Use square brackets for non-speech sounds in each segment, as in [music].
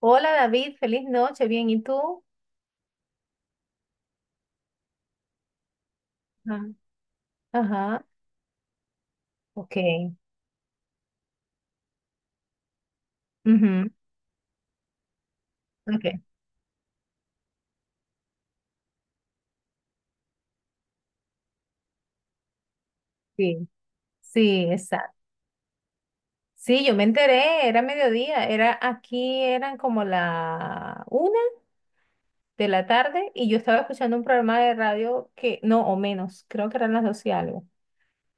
Hola David, feliz noche, bien, ¿y tú? Ajá. Ajá, ok. Ujú, ok, sí, sí, exacto. Sí, yo me enteré, era mediodía, era aquí, eran como la una de la tarde y yo estaba escuchando un programa de radio que, no, o menos, creo que eran las dos y algo.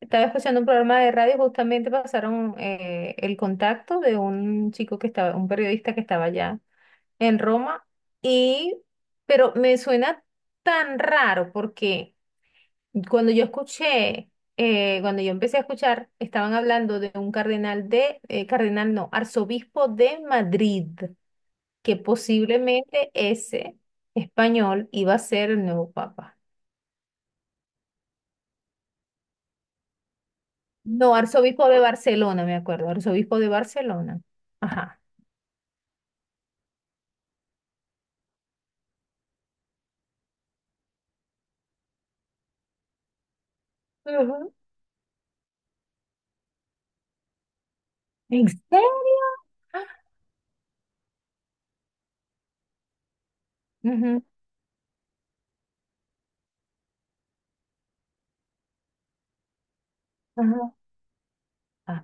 Estaba escuchando un programa de radio, justamente pasaron el contacto de un chico que estaba, un periodista que estaba allá en Roma y, pero me suena tan raro porque... Cuando yo escuché, cuando yo empecé a escuchar, estaban hablando de un cardenal de, cardenal no, arzobispo de Madrid, que posiblemente ese español iba a ser el nuevo papa. No, arzobispo de Barcelona, me acuerdo, arzobispo de Barcelona. Ajá. Ujú. ¿En serio? Ujú, ajá. Ah.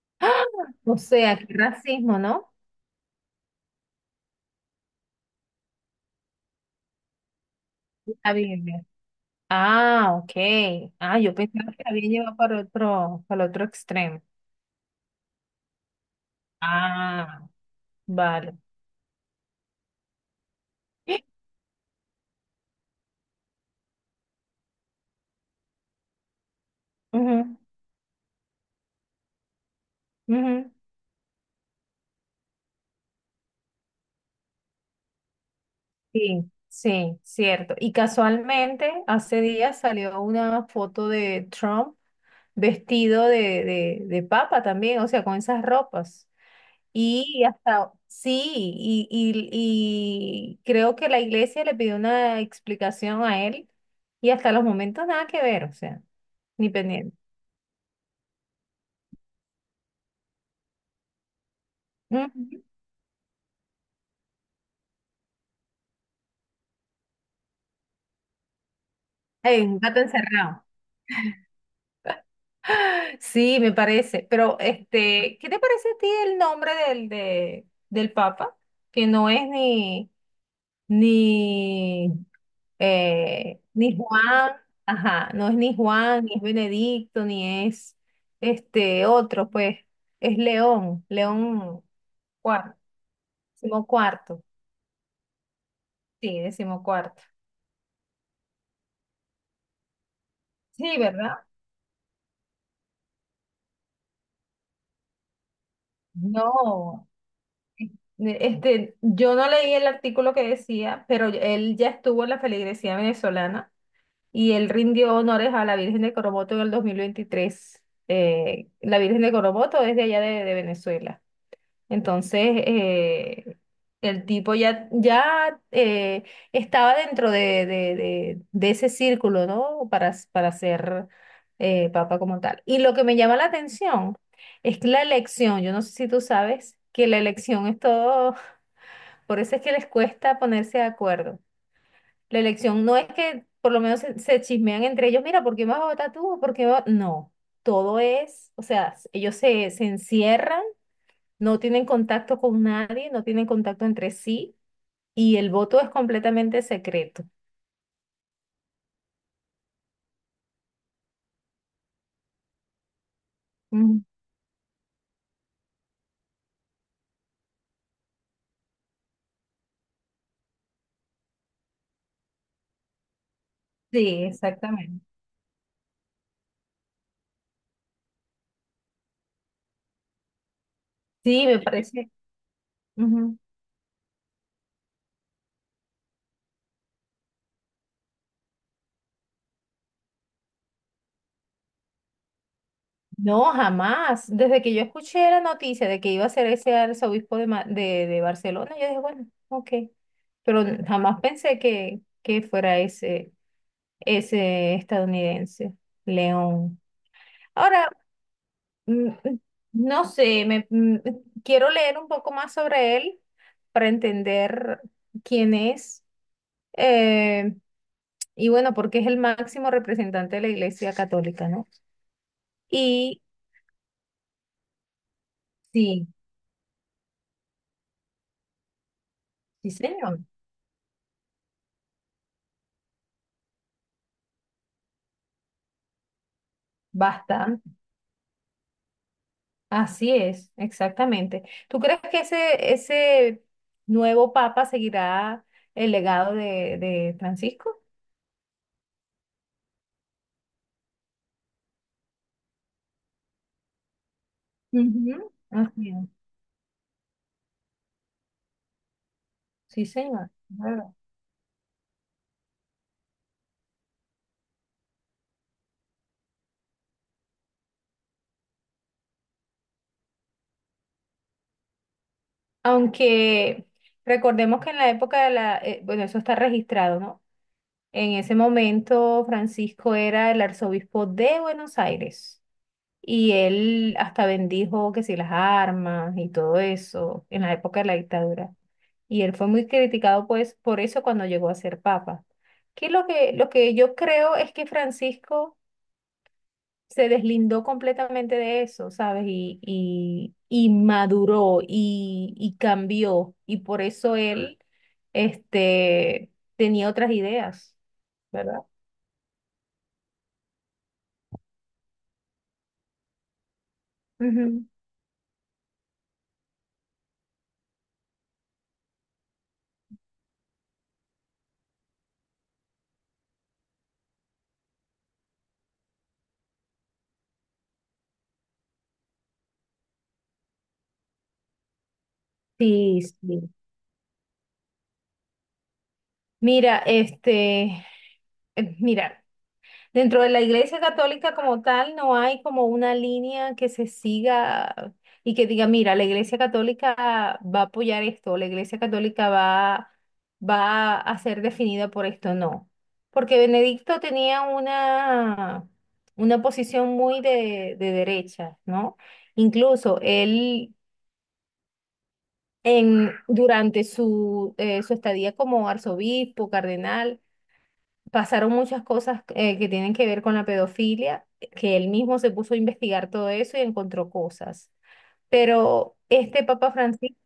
[gasps] ¡Ah! O sea, qué racismo, ¿no? Está bien. Ah, ok. Ah, yo pensaba que la había llevado para otro, para el otro extremo. Ah, vale. [gasps] Ujú, ujú. Sí, sí, cierto. Y casualmente, hace días salió una foto de Trump vestido de, de papa también, o sea, con esas ropas. Y hasta, sí, y creo que la iglesia le pidió una explicación a él y hasta los momentos nada que ver, o sea, ni pendiente. Ujú. Ey, un gato encerrado. [gasps] Sí, me parece. Pero, este, ¿qué te parece a ti el nombre del, de, del Papa? Que no es ni, ni Juan, ajá, no es ni Juan, ni es Benedicto, ni es este otro, pues, es León, León cuarto, decimocuarto, sí, decimocuarto. Sí, ¿verdad? No. Este, yo no leí el artículo que decía, pero él ya estuvo en la feligresía venezolana y él rindió honores a la Virgen de Coromoto en el 2023. La Virgen de Coromoto es de allá de Venezuela. Entonces, eh, el tipo ya, ya estaba dentro de ese círculo, ¿no? Para ser papa como tal. Y lo que me llama la atención es que la elección, yo no sé si tú sabes que la elección es todo por eso es que les cuesta ponerse de acuerdo. La elección no es que por lo menos se chismean entre ellos, mira, ¿por qué vas a votar tú? No, todo es, o sea, ellos se encierran, no tienen contacto con nadie, no tienen contacto entre sí y el voto es completamente secreto. Ujú. Sí, exactamente. Sí, me parece. Ujú. No, jamás. Desde que yo escuché la noticia de que iba a ser ese arzobispo de Barcelona, yo dije, bueno, ok. Pero jamás pensé que fuera ese estadounidense, León. Ahora, mm, mm, no sé, quiero leer un poco más sobre él para entender quién es. eh, y bueno, porque es el máximo representante de la Iglesia Católica, ¿no? Y sí, sí, señor, bastante. Así es, exactamente. ¿Tú crees que ese nuevo papa seguirá el legado de Francisco? Ujú. Así es. Sí, señor. Claro. Aunque recordemos que en la época de la, bueno, eso está registrado, ¿no? En ese momento Francisco era el arzobispo de Buenos Aires y él hasta bendijo que si las armas y todo eso en la época de la dictadura. Y él fue muy criticado pues por eso cuando llegó a ser papa. Que lo que yo creo es que Francisco se deslindó completamente de eso, ¿sabes? Y maduró y cambió. Y por eso él este, tenía otras ideas, ¿verdad? Ujú. Sí, sí. Mira, este, mira. Dentro de la Iglesia Católica como tal, no hay como una línea que se siga y que diga, mira, la Iglesia Católica va a apoyar esto, la Iglesia Católica va a ser definida por esto, no. Porque Benedicto tenía una posición muy de derecha, ¿no? Incluso él, durante su estadía como arzobispo, cardenal, pasaron muchas cosas que tienen que ver con la pedofilia, que él mismo se puso a investigar todo eso y encontró cosas. Pero este Papa Francisco,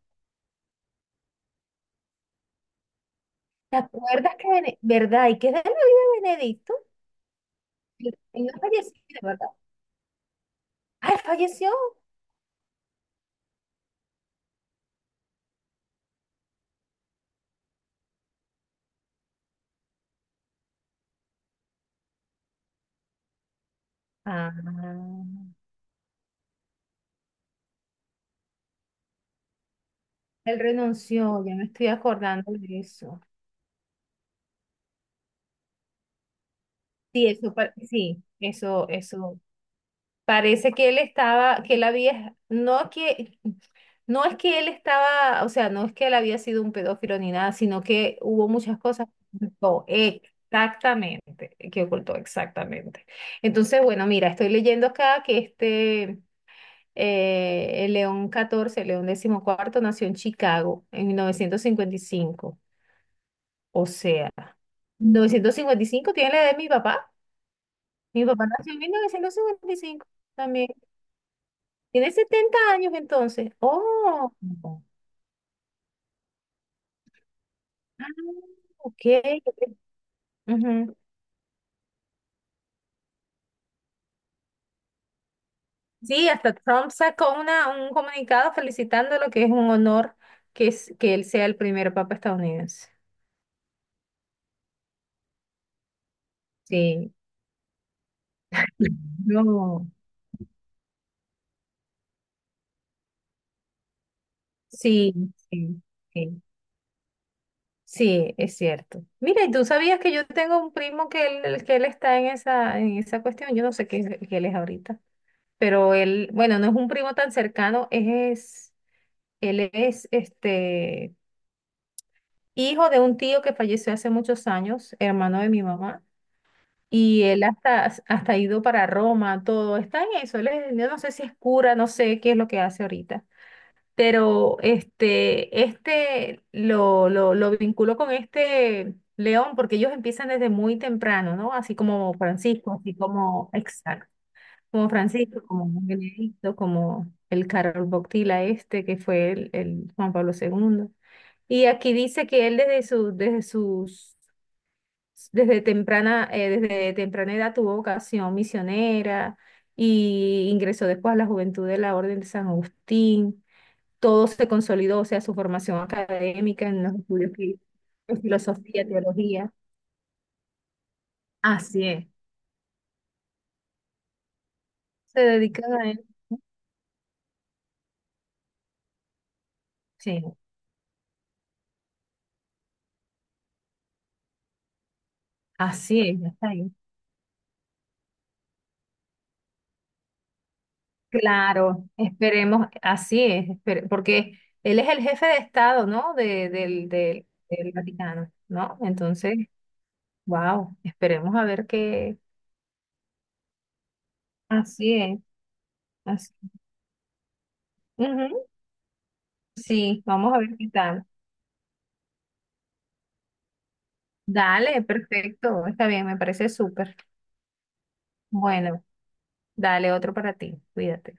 ¿te acuerdas que, verdad? ¿Y qué es de la vida de Benedicto? Él no falleció, ¿verdad? Ah, él falleció. Ah, él renunció, ya me estoy acordando de eso. Sí, eso, sí, eso, eso. Parece que él estaba, que él había, no que, no es que él estaba, o sea, no es que él había sido un pedófilo ni nada, sino que hubo muchas cosas que ocultó, exactamente, que ocultó, exactamente. Entonces, bueno, mira, estoy leyendo acá que el León catorce León XIV, nació en Chicago en 1955. O sea, 1955 tiene la edad de mi papá. Mi papá nació en 1955 también. Tiene 70 años entonces. Oh, ah, ok. Ujú. Sí, hasta Trump sacó un comunicado felicitándolo, que es un honor que él sea el primer papa estadounidense. Sí. No. Sí, sí, sí. Sí, es cierto. Mira, ¿y tú sabías que yo tengo un primo que él está en esa cuestión? Yo no sé qué, qué él es ahorita, pero él, bueno, no es un primo tan cercano, es, él es, este, hijo de un tío que falleció hace muchos años, hermano de mi mamá, y él hasta ha ido para Roma, todo, está en eso, yo no sé si es cura, no sé qué es lo que hace ahorita, pero este lo vinculo con este León, porque ellos empiezan desde muy temprano, ¿no? Así como Francisco, así como, exacto, como Francisco, como Benedicto, como el Carol Boctila este, que fue el Juan Pablo segundo. Y aquí dice que él desde su, desde sus, desde temprana edad tuvo vocación misionera y ingresó después a la juventud de la Orden de San Agustín. Todo se consolidó, o sea, su formación académica en los estudios en filosofía, teología. Así es. Se dedican a él, ¿no? Sí, así es, ya está. Claro, esperemos, así es, porque él es el jefe de Estado, ¿no? Del Vaticano, ¿no? Entonces, wow, esperemos a ver qué. Así es, así. Ujú, sí, vamos a ver qué tal. Dale, perfecto, está bien, me parece súper. Bueno, dale otro para ti, cuídate.